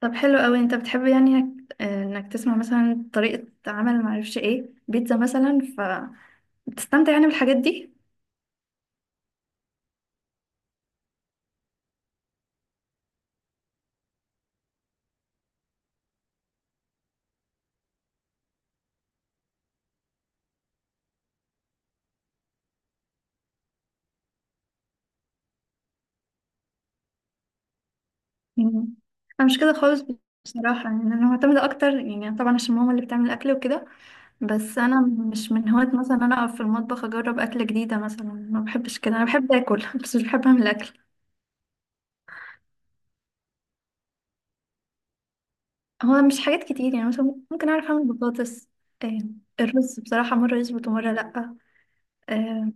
طب حلو قوي، انت بتحب انك آه، إنك تسمع مثلا طريقة عمل معرفش ايه، بيتزا مثلا، فبتستمتع يعني بالحاجات دي. مم. انا مش كده خالص. بصراحة يعني انا معتمدة اكتر، يعني طبعا عشان ماما اللي بتعمل الاكل وكده. بس انا مش من هواة مثلا إن انا اقف في المطبخ اجرب اكلة جديدة، مثلا ما بحبش كده. انا بحب اكل بس مش بحب اعمل اكل. هو مش حاجات كتير، يعني مثلا ممكن اعرف اعمل بطاطس. آه، الرز بصراحة مرة يظبط ومرة لأ. آه،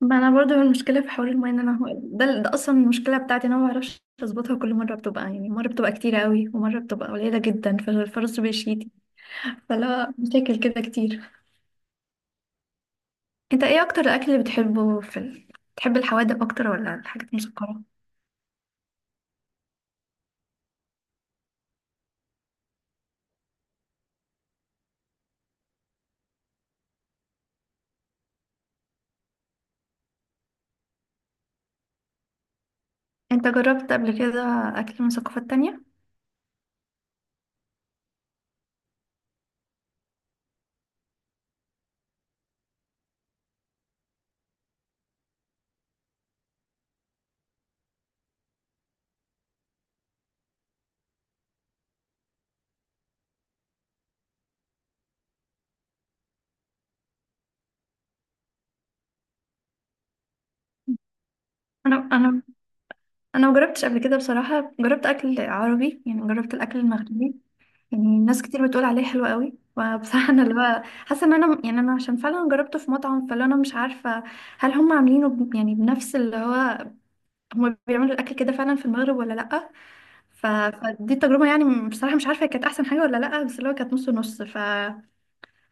ما انا برضو المشكله في حوار المايه، ان انا ده اصلا المشكله بتاعتي، ان انا ما بعرفش اظبطها. كل مره بتبقى، يعني مره بتبقى كتير قوي ومره بتبقى قليله جدا، فالفرص بيشيتي. فلا، مشاكل كده كتير. انت ايه اكتر الاكل اللي بتحبه في بتحب الحوادق اكتر ولا الحاجات المسكره؟ انت جربت قبل كده اكل من ثقافات تانية؟ انا انا ما جربتش قبل كده بصراحه. جربت اكل عربي، يعني جربت الاكل المغربي. يعني ناس كتير بتقول عليه حلو قوي، فبصراحة انا اللي هو حاسة ان انا يعني انا عشان فعلا جربته في مطعم، فاللي انا مش عارفة هل هم يعني بنفس اللي هو، هم بيعملوا الاكل كده فعلا في المغرب ولا لأ. فدي التجربة يعني، بصراحة مش عارفة هي كانت احسن حاجة ولا لأ، بس اللي هو كانت نص نص.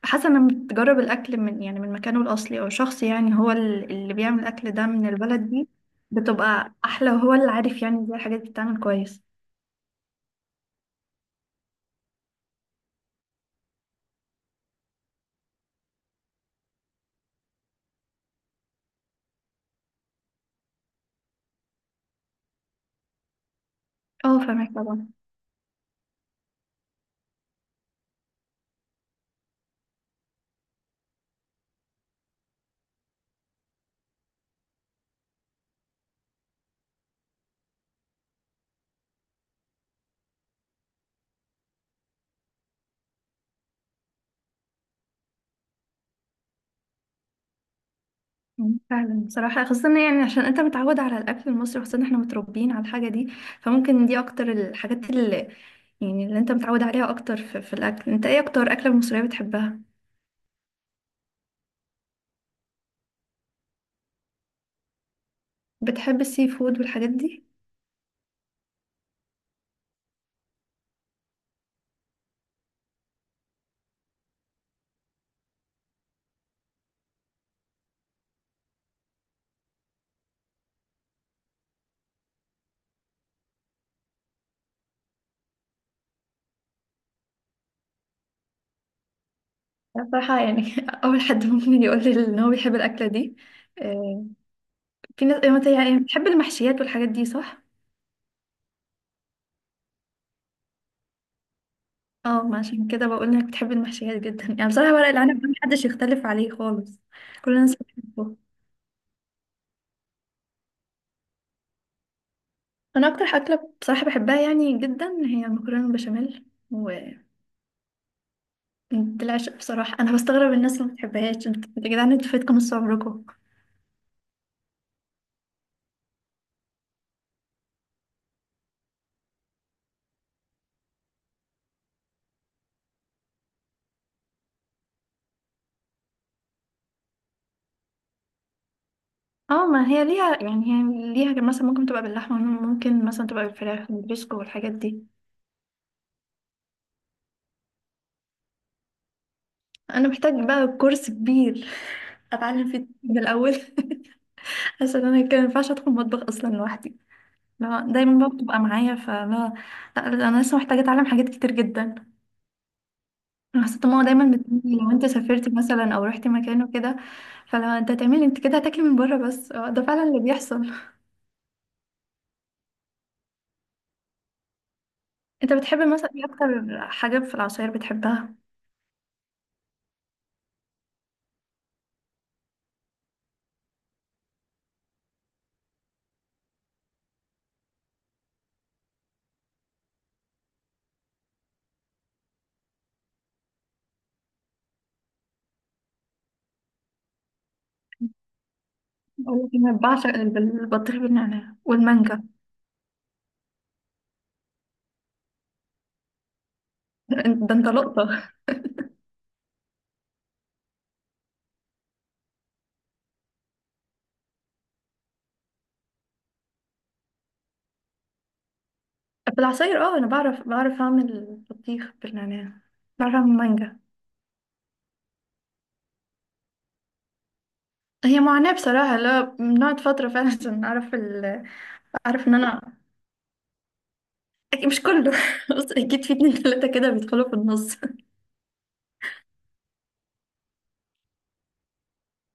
فحاسة ان أنا بتجرب الاكل من يعني من مكانه الاصلي، او شخص يعني هو اللي بيعمل الاكل ده من البلد دي، بتبقى احلى، وهو اللي عارف يعني ازاي الحاجات بتتعمل كويس. اه فاهمك طبعا. مم. فعلا بصراحة، خاصة يعني عشان انت متعود على الأكل المصري، خاصة احنا متربيين على الحاجة دي، فممكن دي أكتر الحاجات اللي يعني اللي انت متعود عليها أكتر في, في الأكل. انت ايه أكتر أكلة مصرية بتحبها؟ بتحب السي فود والحاجات دي؟ أنا بصراحة يعني أول حد ممكن يقول لي إن هو بيحب الأكلة دي. آه، في ناس يعني بتحب المحشيات والحاجات دي صح؟ اه، ما عشان كده بقول إنك بتحب المحشيات جدا. يعني بصراحة ورق العنب ده محدش يختلف عليه خالص، كل الناس بتحبه. انا اكتر اكله بصراحه بحبها يعني جدا هي المكرونه بالبشاميل، وبالعشق بصراحه. انا بستغرب الناس اللي ما بتحبهاش. انت يا جدعان، انتوا فاتكم نص عمركم. اه، ما هي ليها يعني، هي ليها مثلا ممكن تبقى باللحمه، ممكن مثلا تبقى بالفراخ بالبسكو والحاجات دي. انا محتاج بقى كورس كبير اتعلم فيه من الاول. عشان انا كان ما ينفعش ادخل المطبخ اصلا لوحدي، لا دايما بقى بتبقى معايا. فلا لا، انا لسه محتاجه اتعلم حاجات كتير جدا. حسيت ماما دايما بتقولي لو انت سافرت مثلا او رحت مكان وكده، فلو انت هتعملي انت كده هتاكلي من بره. بس اه، ده فعلا اللي بيحصل. انت بتحبي مثلا ايه اكتر حاجه في العصاير بتحبها؟ اقول لك انا بعشق البطيخ بالنعناع والمانجا. ده انت لقطه. في العصاير اه، انا بعرف اعمل البطيخ بالنعناع، بعرف اعمل مانجا. هي معاناه بصراحه، لا بنقعد فتره فعلا عشان اعرف اعرف ان انا أكيد مش كله، بس اكيد في اتنين تلاته كده بيدخلوا في النص.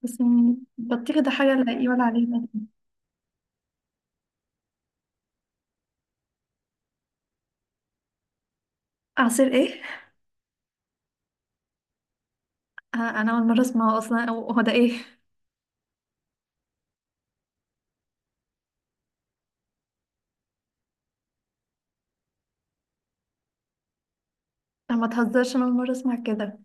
بس يعني بطيخ ده حاجة لا يقول عليها. عصير ايه؟ آه، انا اول مرة اسمعه اصلا. أو هو ده ايه؟ انا ما تهزرش، انا اول مرة اسمع كده.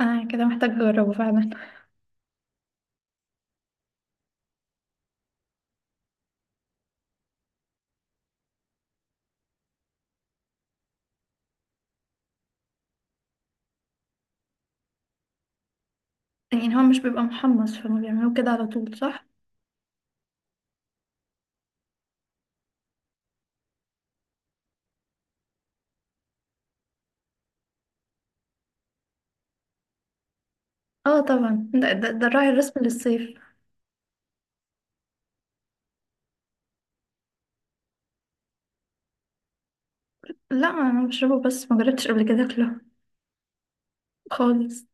انا كده محتاج اجربه فعلا. يعني هو مش بيبقى محمص، فما بيعملوه كده على طول صح؟ اه طبعا، ده الراعي الرسمي للصيف. لا انا بشربه، بس ما جربتش قبل كده اكله خالص.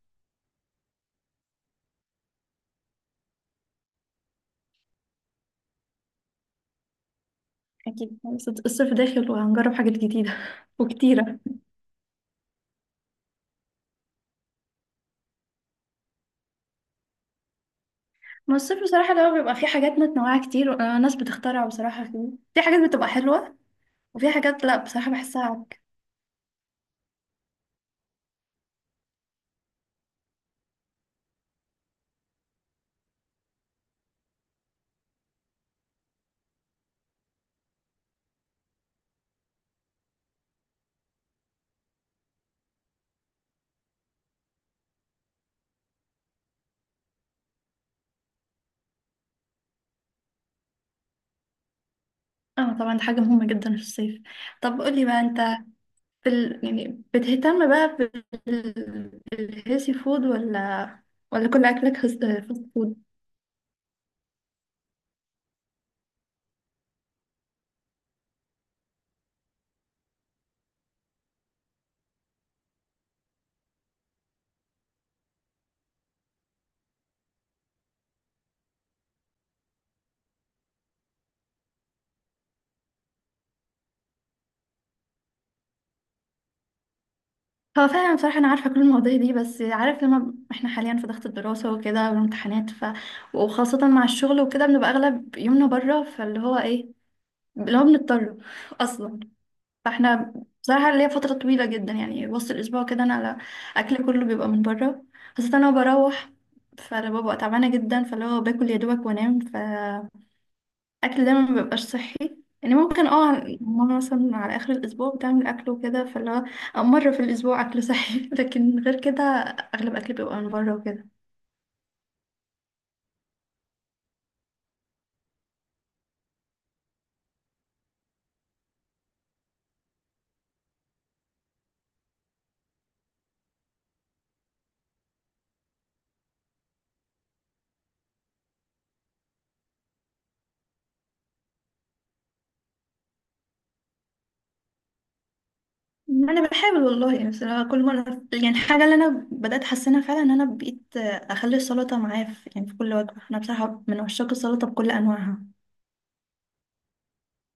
اكيد، بس الصيف داخل وهنجرب حاجات جديدة وكتيرة. ما الصيف بصراحة لو بيبقى فيه حاجات متنوعة كتير، وناس بتخترع بصراحة فيه. في حاجات بتبقى حلوة، وفي حاجات لا بصراحة بحسها. اه طبعا، دي حاجة مهمة جدا في الصيف. طب قولي بقى انت في يعني بتهتم بقى بالهيلثي فود ولا، ولا كل اكلك فاست فود؟ هو فعلا بصراحة أنا عارفة كل المواضيع دي، بس عارف لما احنا حاليا في ضغط الدراسة وكده والامتحانات، وخاصة مع الشغل وكده، بنبقى أغلب يومنا بره، فاللي هو ايه اللي هو بنضطر أصلا. فاحنا بصراحة ليا فترة طويلة جدا يعني وسط الأسبوع كده أنا على أكل كله بيبقى من بره، خاصة أنا بروح، فأنا ببقى تعبانة جدا، فاللي هو باكل يا دوبك وأنام، فالأكل دايما مبيبقاش صحي. يعني ممكن اه، ماما مثلا على آخر الأسبوع بتعمل أكل وكده، فاللي هو أو مرة في الأسبوع أكل صحي، لكن غير كده أغلب أكل بيبقى من بره وكده. أنا بحاول والله يعني، بس أنا كل مرة يعني الحاجة اللي أنا بدأت أحسنها فعلا إن أنا بقيت أخلي السلطة معايا في يعني في كل وجبة. أنا بصراحة من عشاق السلطة بكل أنواعها.